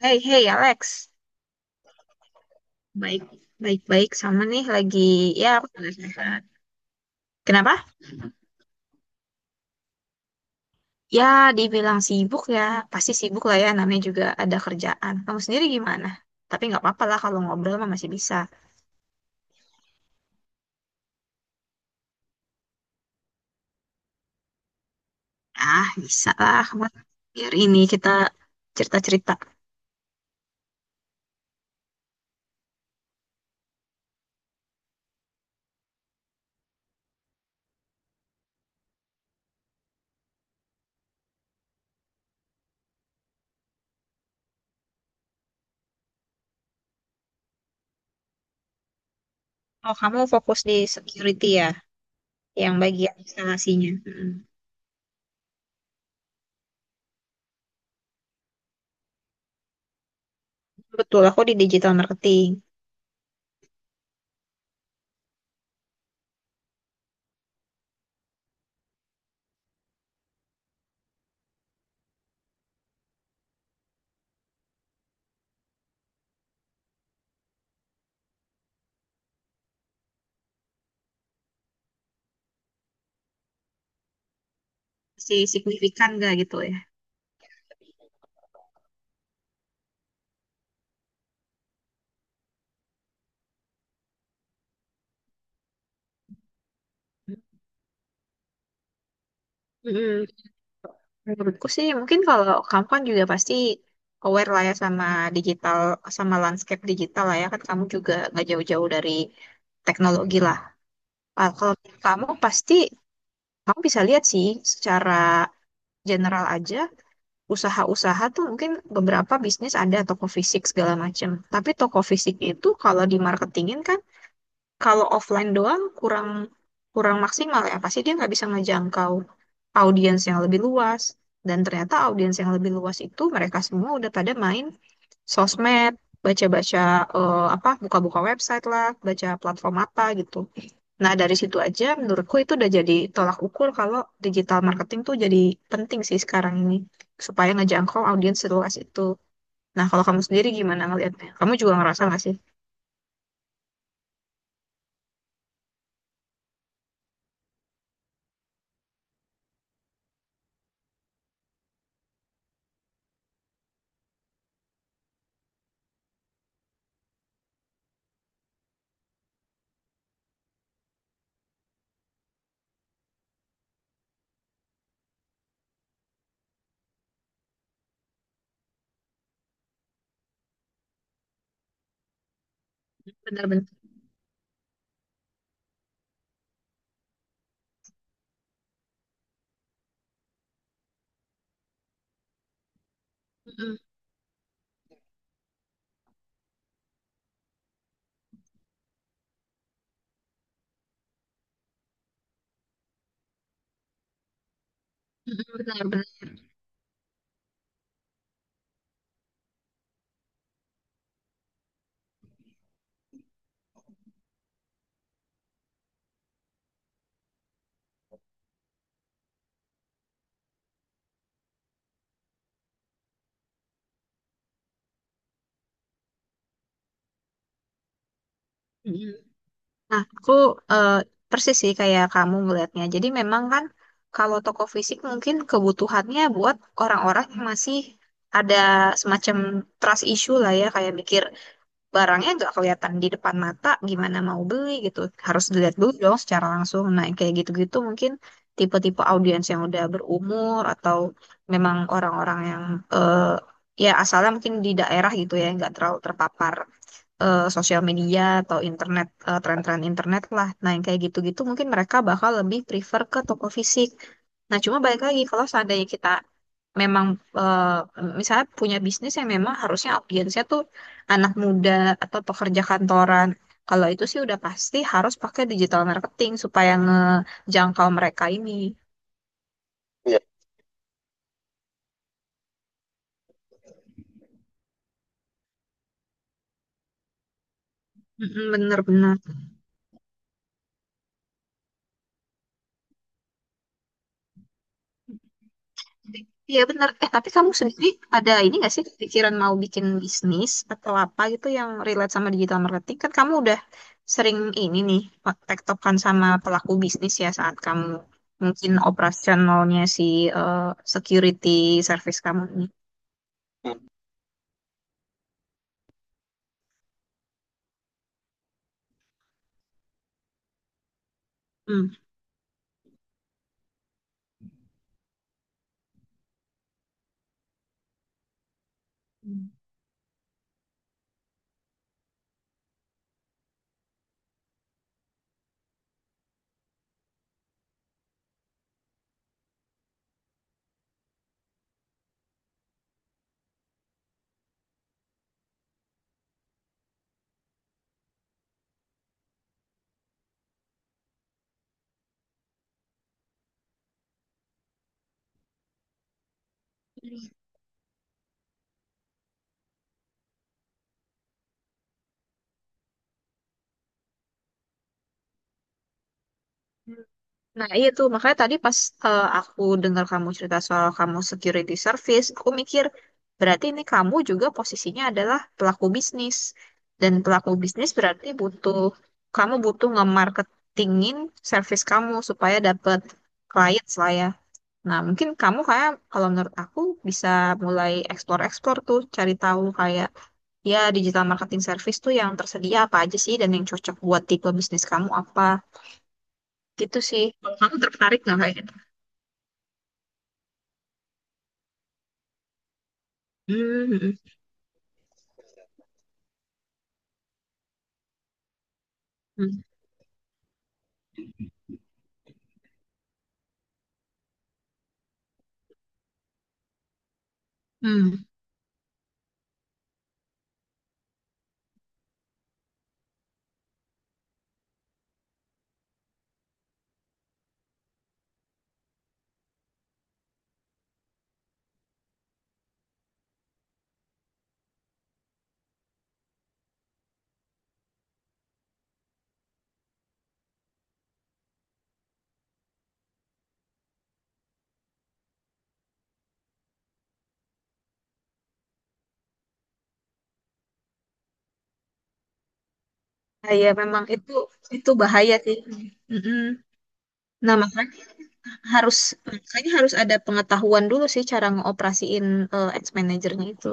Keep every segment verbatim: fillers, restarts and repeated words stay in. Hey, hey Alex, baik, baik, baik sama nih lagi ya aku lagi sehat. Kenapa? Ya, dibilang sibuk ya, pasti sibuk lah ya. Namanya juga ada kerjaan. Kamu sendiri gimana? Tapi nggak apa-apa lah kalau ngobrol mah masih bisa. Ah, bisa lah. Kamu biar ini kita cerita-cerita. Oh, kamu fokus di security ya, yang bagian instalasinya. Mm. Betul, aku di digital marketing. Masih signifikan nggak gitu ya? Mm. Menurutku sih mungkin kalau kamu kan juga pasti aware lah ya sama digital, sama landscape digital lah ya, kan kamu juga nggak jauh-jauh dari teknologi lah. Ah, kalau kamu pasti kamu bisa lihat sih secara general aja, usaha-usaha tuh mungkin beberapa bisnis ada toko fisik segala macam. Tapi toko fisik itu kalau dimarketingin kan, kalau offline doang kurang kurang maksimal ya, pasti dia nggak bisa ngejangkau audiens yang lebih luas. Dan ternyata audiens yang lebih luas itu mereka semua udah pada main sosmed, baca-baca, eh, apa, buka-buka website lah, baca platform apa gitu. Nah, dari situ aja menurutku itu udah jadi tolak ukur kalau digital marketing tuh jadi penting sih sekarang ini, supaya ngejangkau audiens seluas itu. Nah, kalau kamu sendiri gimana ngelihatnya? Kamu juga ngerasa nggak sih? Benar-benar. Mm-mm. Mm-mm, benar-benar. Nah, aku eh, persis sih kayak kamu melihatnya. Jadi memang kan kalau toko fisik mungkin kebutuhannya buat orang-orang yang masih ada semacam trust issue lah ya, kayak mikir barangnya nggak kelihatan di depan mata, gimana mau beli gitu. Harus dilihat dulu dong secara langsung. Nah, yang kayak gitu-gitu mungkin tipe-tipe audiens yang udah berumur atau memang orang-orang yang eh, ya asalnya mungkin di daerah gitu ya, nggak terlalu terpapar eh, sosial media atau internet, eh, tren-tren internet lah. Nah, yang kayak gitu-gitu mungkin mereka bakal lebih prefer ke toko fisik. Nah, cuma balik lagi kalau seandainya kita memang eh, misalnya punya bisnis yang memang harusnya audiensnya tuh anak muda atau pekerja kantoran. Kalau itu sih udah pasti harus pakai digital marketing supaya ngejangkau mereka ini. Iya. Mm-mm, bener-bener. Iya benar. Eh, tapi kamu sendiri ada ini nggak sih pikiran mau bikin bisnis atau apa gitu yang relate sama digital marketing? Kan kamu udah sering ini nih pak- tektokan sama pelaku bisnis ya saat kamu mungkin operasionalnya si eh, security service kamu ini. Hmm. Nah, iya tuh. Makanya tadi pas eh, aku dengar kamu cerita soal kamu security service, aku mikir berarti ini kamu juga posisinya adalah pelaku bisnis. Dan pelaku bisnis berarti butuh, kamu butuh nge-marketingin service kamu supaya dapat clients lah ya. Nah, mungkin kamu kayak kalau menurut aku bisa mulai explore-explore tuh, cari tahu kayak ya digital marketing service tuh yang tersedia apa aja sih dan yang cocok buat tipe bisnis kamu apa. Gitu sih. Kalau kamu tertarik nggak kayak gitu? Hmm, hmm, hmm. Nah, ya memang itu itu bahaya sih. Mm-mm. Nah, makanya harus makanya harus ada pengetahuan dulu sih cara ngoperasiin eh, ads manajernya itu.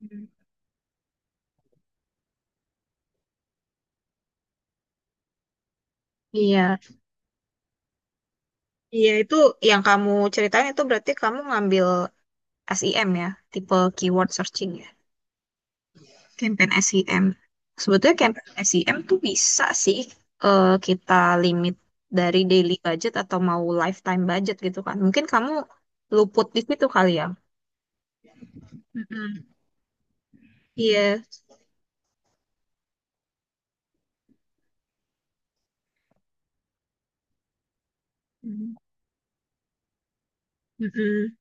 Hmm. Iya. Iya, itu yang kamu ceritain itu berarti kamu ngambil S E M ya, tipe keyword searching ya, campaign S E M. Sebetulnya campaign S E M tuh bisa sih eh, kita limit dari daily budget atau mau lifetime budget gitu kan. Mungkin kamu luput di situ kali ya. Mm-mm. Iya. Mm. Mm-mm.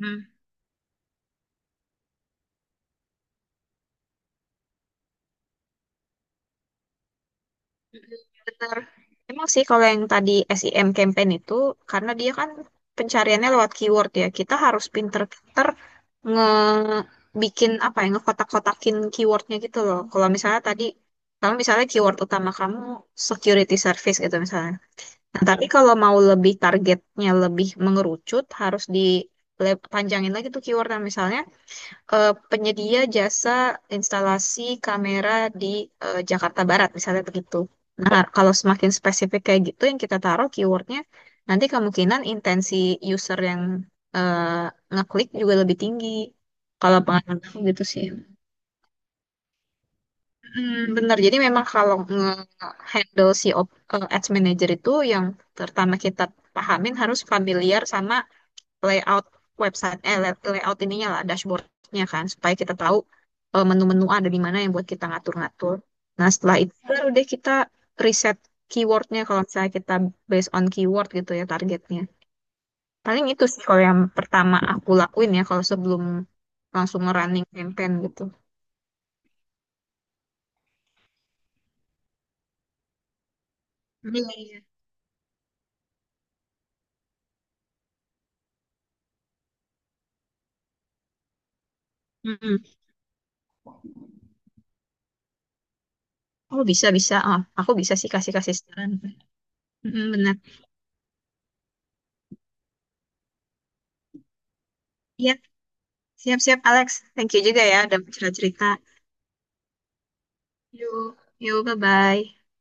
Mm. Mm-mm. Benar. Emang sih kalau yang tadi S E M campaign itu karena dia kan pencariannya lewat keyword ya. Kita harus pinter-pinter ngebikin apa ya ngekotak-kotakin keywordnya gitu loh. Kalau misalnya tadi kalau misalnya keyword utama kamu security service gitu misalnya. Nah, tapi kalau mau lebih targetnya lebih mengerucut harus di lagi tuh keywordnya misalnya eh, penyedia jasa instalasi kamera di eh, Jakarta Barat, misalnya begitu. Nah, kalau semakin spesifik kayak gitu yang kita taruh keywordnya, nanti kemungkinan intensi user yang eh, ngeklik juga lebih tinggi. Kalau pengalaman aku gitu sih. Hmm, benar. Jadi memang kalau nge-handle si op- eh, ads manager itu yang pertama kita pahamin harus familiar sama layout website eh layout ininya lah dashboardnya kan supaya kita tahu eh, menu-menu ada di mana yang buat kita ngatur-ngatur. Nah setelah itu baru deh kita riset keywordnya kalau misalnya kita based on keyword gitu ya targetnya. Paling itu sih kalau yang pertama aku lakuin ya kalau sebelum langsung running campaign gitu. Iya, iya. Mm-mm. Oh bisa bisa, oh aku bisa sih kasih kasih saran. Mm-mm, benar. Iya, siap siap Alex. Thank you juga ya udah cerita cerita. Yuk, yuk, bye bye.